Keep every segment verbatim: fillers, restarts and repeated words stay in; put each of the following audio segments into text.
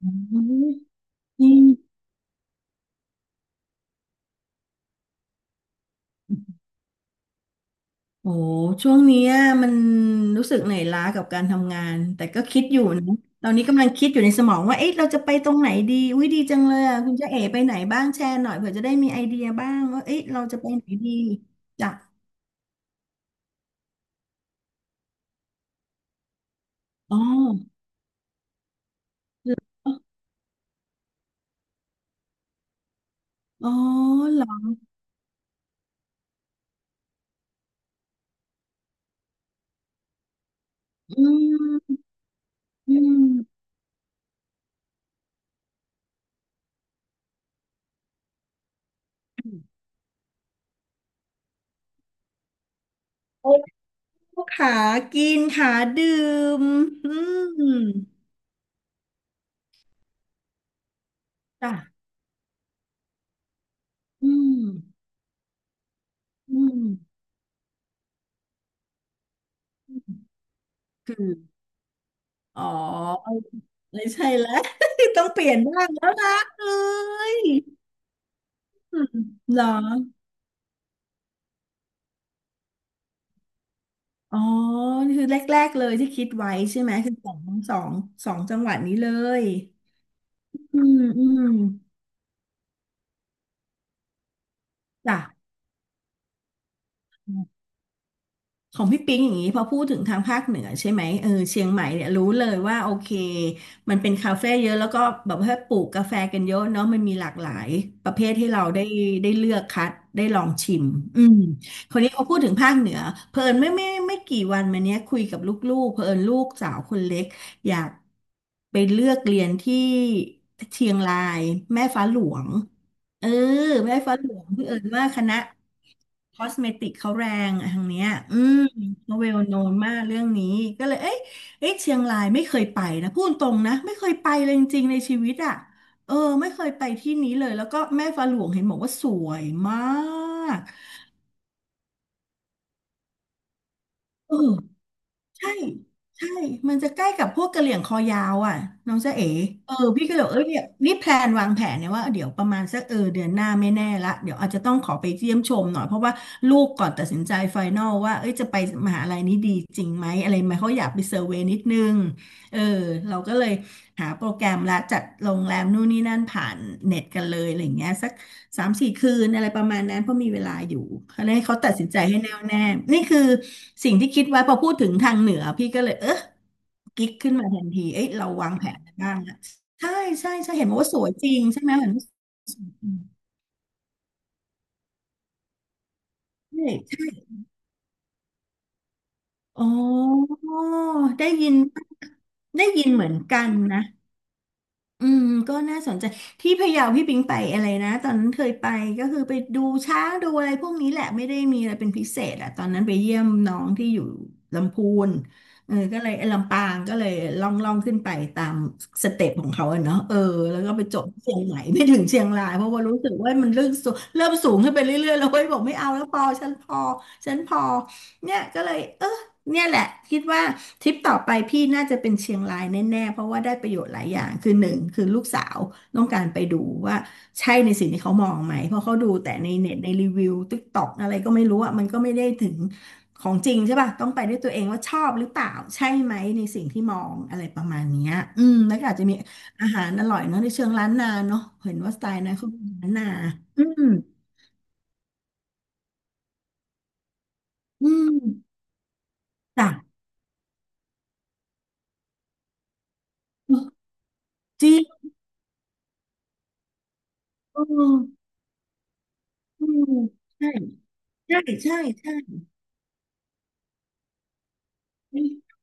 อืมนี่โอ้ช่วงเนี้ยมันรู้สึกเหนื่อยล้ากับการทำงาน แต่ก็คิดอยู่นะตอนนี้กำลังคิดอยู่ในสมองว่าเอ๊ะเราจะไปตรงไหนดีอุ้ยดีจังเลยอ่ะคุณเจ๊เอ๋ไปไหนบ้างแชร์หน่อยเผื่อจะได้มีไอเดียบ้างว่าเอ๊ะเราจะไปไหนดีจ้ะอ๋อเหรออ๋อเหรออืมอืมโอ้ขากินขาดื่มอืมจ้ะอืมอืมคือ อ๋อไม่ใช่แล้ว ต้องเปลี่ยนบ้างแล้วนะเอ้ยอืมเหรออ๋อนี่คือแรกๆเลยที่คิดไว้ใช่ไหมคือสองสองสองจังหวัดนี้เลยอืมอืมจ้ะ ของพี่ปิ๊งอย่างนี้พอพูดถึงทางภาคเหนือใช่ไหมเออเชียงใหม่เนี่ยรู้เลยว่าโอเคมันเป็นคาเฟ่เยอะแล้วก็แบบว่าปลูกกาแฟกันเยอะเนาะมันมีหลากหลายประเภทให้เราได้ได้เลือกคัดได้ลองชิมอืมคนนี้พอพูดถึงภาคเหนือเพลินไม่ไม่ไม่ไม่กี่วันมาเนี้ยคุยกับลูกๆเพลินลูกสาวคนเล็กอยากไปเลือกเรียนที่เชียงรายแม่ฟ้าหลวง เออแม่ฟ้าหลวงเผอิญว่าคณะคอสเมติกเขาแรงอะทางเนี้ยอืมเขาเวลโนนมากเรื่องนี้ก็เลยเอ้ยเอ้ยเชียงรายไม่เคยไปนะพูดตรงนะไม่เคยไปเลยจริงๆในชีวิตอ่ะเออไม่เคยไปที่นี้เลยแล้วก็แม่ฟ้าหลวงเห็นบอกว่าสวยมากเออ ใช่ใช่ มันจะใกล้กับพวกกะเหรี่ยงคอยาวอ่ะน้องจ๊ะเอ๋เออพี่ก็เลยบอกเอ้ยเนี่ยนี่แพลนวางแผนเนี่ยว่าเดี๋ยวประมาณสักเออเดือนหน้าไม่แน่ละเดี๋ยวอาจจะต้องขอไปเยี่ยมชมหน่อยเพราะว่าลูกก่อนตัดสินใจไฟนอลว่าเอ้ยจะไปมหาลัยนี้ดีจริงไหมอะไรไหมเขาอยากไปเซอร์เวย์นิดนึงเออเราก็เลยหาโปรแกรมละจัดโรงแรมนู่นนี่นั่นผ่านเน็ตกันเลยอะไรอย่างเงี้ยสัก สามสี่คืนอะไรประมาณนั้นเพราะมีเวลาอยู่เขาให้เขาตัดสินใจให้แน่วแน่นี่คือสิ่งที่คิดไว้พอพูดถึงทางเหนือพี่ก็เลยเออกิ๊กขึ้นมาทันที เอ้ยเราวางแผนกนบ้างนะใช่ใช่ใช่เห็นบอกว่าสวยจริงใช่ไหมเห็นว่าสวยจริงใช่อ๋อได้ยินได้ยินเหมือนกันนะ อืมก็น่าสนใจที่พะเยาพี่ปิงไปอะไรนะตอนนั้นเคยไปก็คือไปดูช้างดูอะไรพวกนี้แหละไม่ได้มีอะไรเป็นพิเศษอะตอนนั้นไปเยี่ยมน้องที่อยู่ลำพูนเออก็เลยเอ้ยลำปางก็เลยล่องล่องขึ้นไปตามสเต็ปของเขาอะเนาะเออแล้วก็ไปจบที่เชียงใหม่ไม่ถึงเชียงรายเพราะว่ารู้สึกว่ามันเริ่มสูงเริ่มสูงขึ้นไปเรื่อยๆแล้วเว้ยบอกไม่เอาแล้วพอฉันพอฉันพอเนี่ยก็เลยเออเนี่ยแหละคิดว่า ทริปต่อไปพี่น่าจะเป็นเชียงรายแน่ๆเพราะว่าได้ประโยชน์หลายอย่างคือหนึ่งคือลูกสาวต้องการไปดูว่าใช่ในสิ่งที่เขามองไหมเพราะเขาดูแต่ในเน็ตในรีวิวติ๊กต็อกอะไรก็ไม่รู้อ่ะมันก็ไม่ได้ถึงของจริงใช่ป่ะต้องไปด้วยตัวเองว่าชอบหรือเปล่าใช่ไหมในสิ่งที่มองอะไรประมาณเนี้ยอืมแล้วก็อาจจะมีอาหารอร่อยเนาะในเชิงล้านนาเนาะเห็นว่าสไตล์นะเขาเป็นล้านนาอืมอืมจ้ะจริงอืมอืมใช่ใช่ใช่ใช่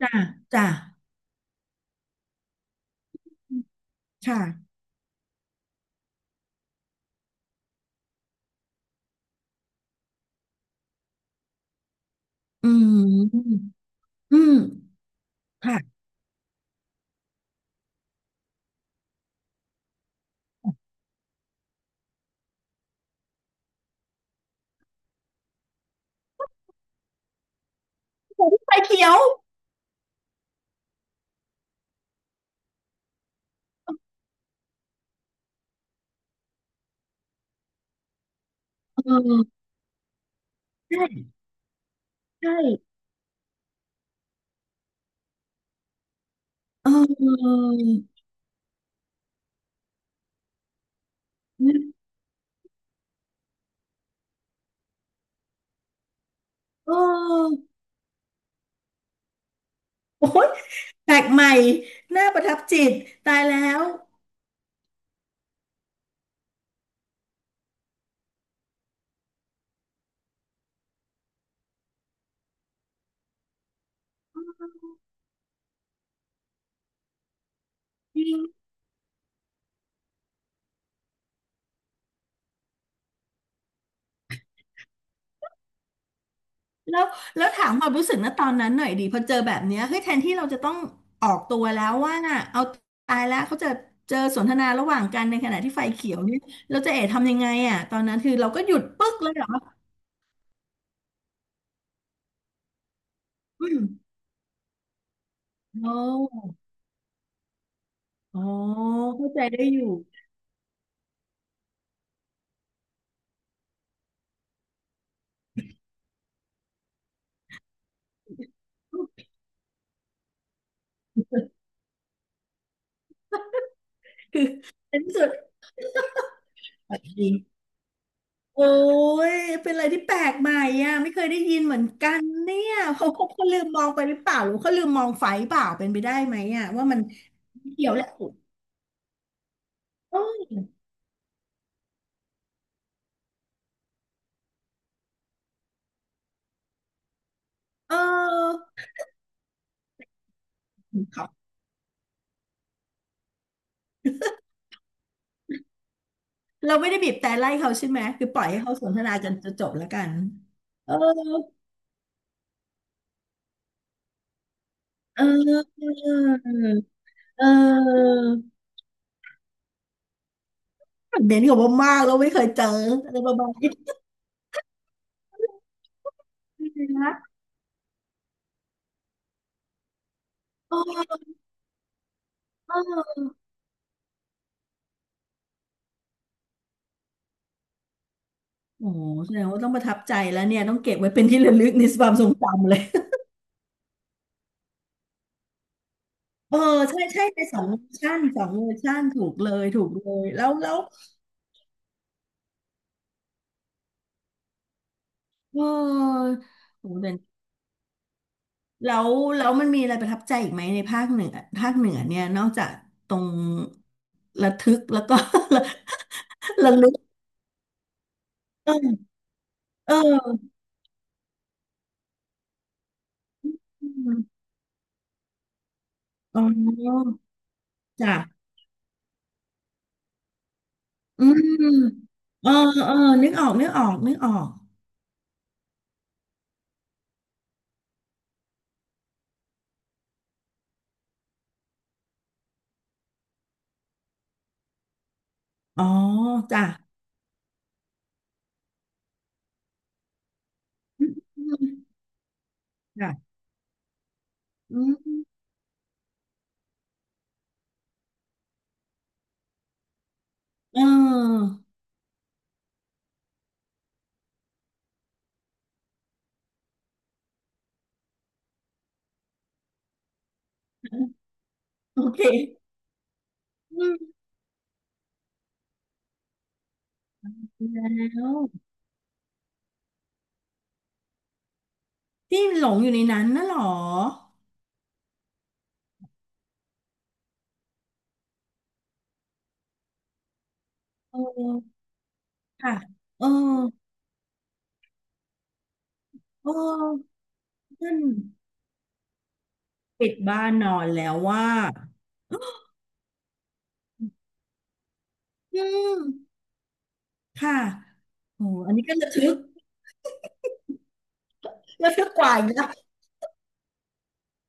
จ้าจ้าค่ะอืมอืมค่ะผมไฟเขียวเออใช่ใช่เออเออโอ้ยแปลกใหม่น่าประทับจิตตายแล้วจริงแล้วแล้วถามความรู้สึกนะตอนนั้นหน่อยดีพอเจอแบบเนี้ยเฮ้ยแทนที่เราจะต้องออกตัวแล้วว่าน่ะเอาตายแล้วเขาจะเจอสนทนาระหว่างกันในขณะที่ไฟเขียวเนี่ยเราจะเอ๋ทำยังไงอ่ะตอนนั้นคือเราก็หยุดปึ๊กเลยเหรออืมโอ้ อ๋อเข้าใจได้อยู่ คือในที่สุดสวโอ้ยเป็นอะไรที่แปลกใหม่อ่ะไม่เคยได้ยินเหมือนกันเนี่ยเขาเขาเขาลืมมองไปหรือเปล่าหรือเขาลืมมองไฟเปล่าเป็นไปได้ไหมอ่ะว่ามันเกี่ยวแหละโอ้ยเออครับเราไม่ได้บีบแต่ไล่เขาใช่ไหมคือปล่อยให้เขาสนทนาจนจะจบแล้วกันเออเออเออเน้นกับว่ามากแล้วไม่เคยเจออะไรประมาณนี้ นะเออ โอ้โหแสดงว่าต้องประทับใจแล้วเนี่ยต้องเก็บไว้เป็นที่ระลึกในความทรงจำเลยเออใช่ใช่ในสองเวอร์ชันสองเวอร์ชันถูกเลยถูกเลยแล้วแล้วเออโอ้โหแต่แล้วแล้วมันมีอะไรประทับใจอีกไหมในภาคเหนือภาคเหนือเนี่ยนอกจากตรงระทึกแล้วก็ ระลึกเออเอออ๋อจ้ะอืมเออเออนึกออกนึกออกนึกออกอ๋อจ้ะอืมจ้ะอืม เออโอเคอืมแล้วที่หลงอยู่ในนั้นน่ะเหรอเออค่ะเออเออนั่นปิดบ้านนอนแล้วว่าอืมค่ะโอ้อันนี้ก็ระทึกระทึกกว่าอีกนะ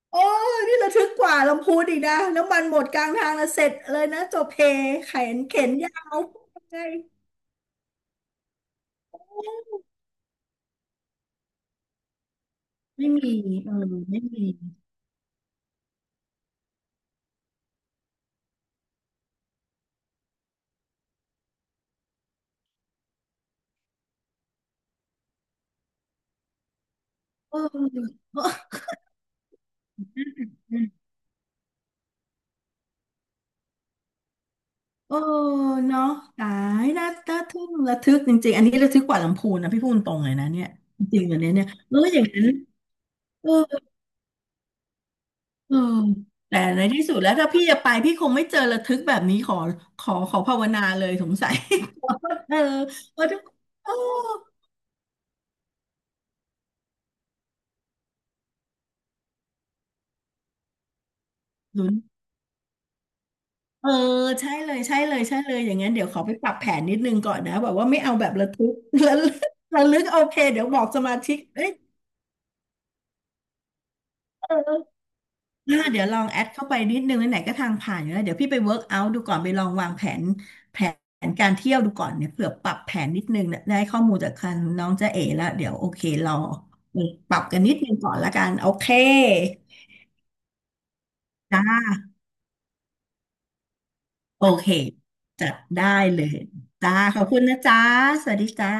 โอ้นี่ระทึกกว่าลำพูนอีกนะน้ำมันหมดกลางทางแล้วเสร็จเลยนะจบเพแขนเข็นยาวไม่มีเออไม่มีเออ เออเนาะตายน่าน่าทึ่งระทึกจริงๆอันนี้ระทึกกว่าลำพูนนะพี่พูดตรงเลยนะเนี่ยจริงๆอันเนี้ยเนี่ยเอออย่างนั้นเออเออแต่ในที่สุดแล้วถ้าพี่จะไปพี่คงไม่เจอระทึกแบบนี้ขอขอขอภาวนาเลยสงสัย เออเพราะทุกโอ้ลุ้นเออใช่เลยใช่เลยใช่เลยอย่างงั้นเดี๋ยวขอไปปรับแผนนิดนึงก่อนนะแบบว่าไม่เอาแบบระทึก แล้วระลึกโอเคเดี๋ยวบอกสมาชิกเอ้ยเออ อ่าเดี๋ยวลองแอดเข้าไปนิดนึงไหนๆก็ทางผ่านอยู่แล้วเดี๋ยวพี่ไปเวิร์กเอาท์ดูก่อนไปลองวางแผนแผนการเที่ยวดูก่อนเนี่ยเผื่อปรับแผนนิดนึงเนี่ยได้ข้อมูลจากคันน้องจ๊ะเอ๋แล้วเดี๋ยวโอเคเรอปรับกันนิดนึงก่อนละกันโอเคจ้าโอเคจัดได้เลยจ้าขอบคุณนะจ้าสวัสดีจ้า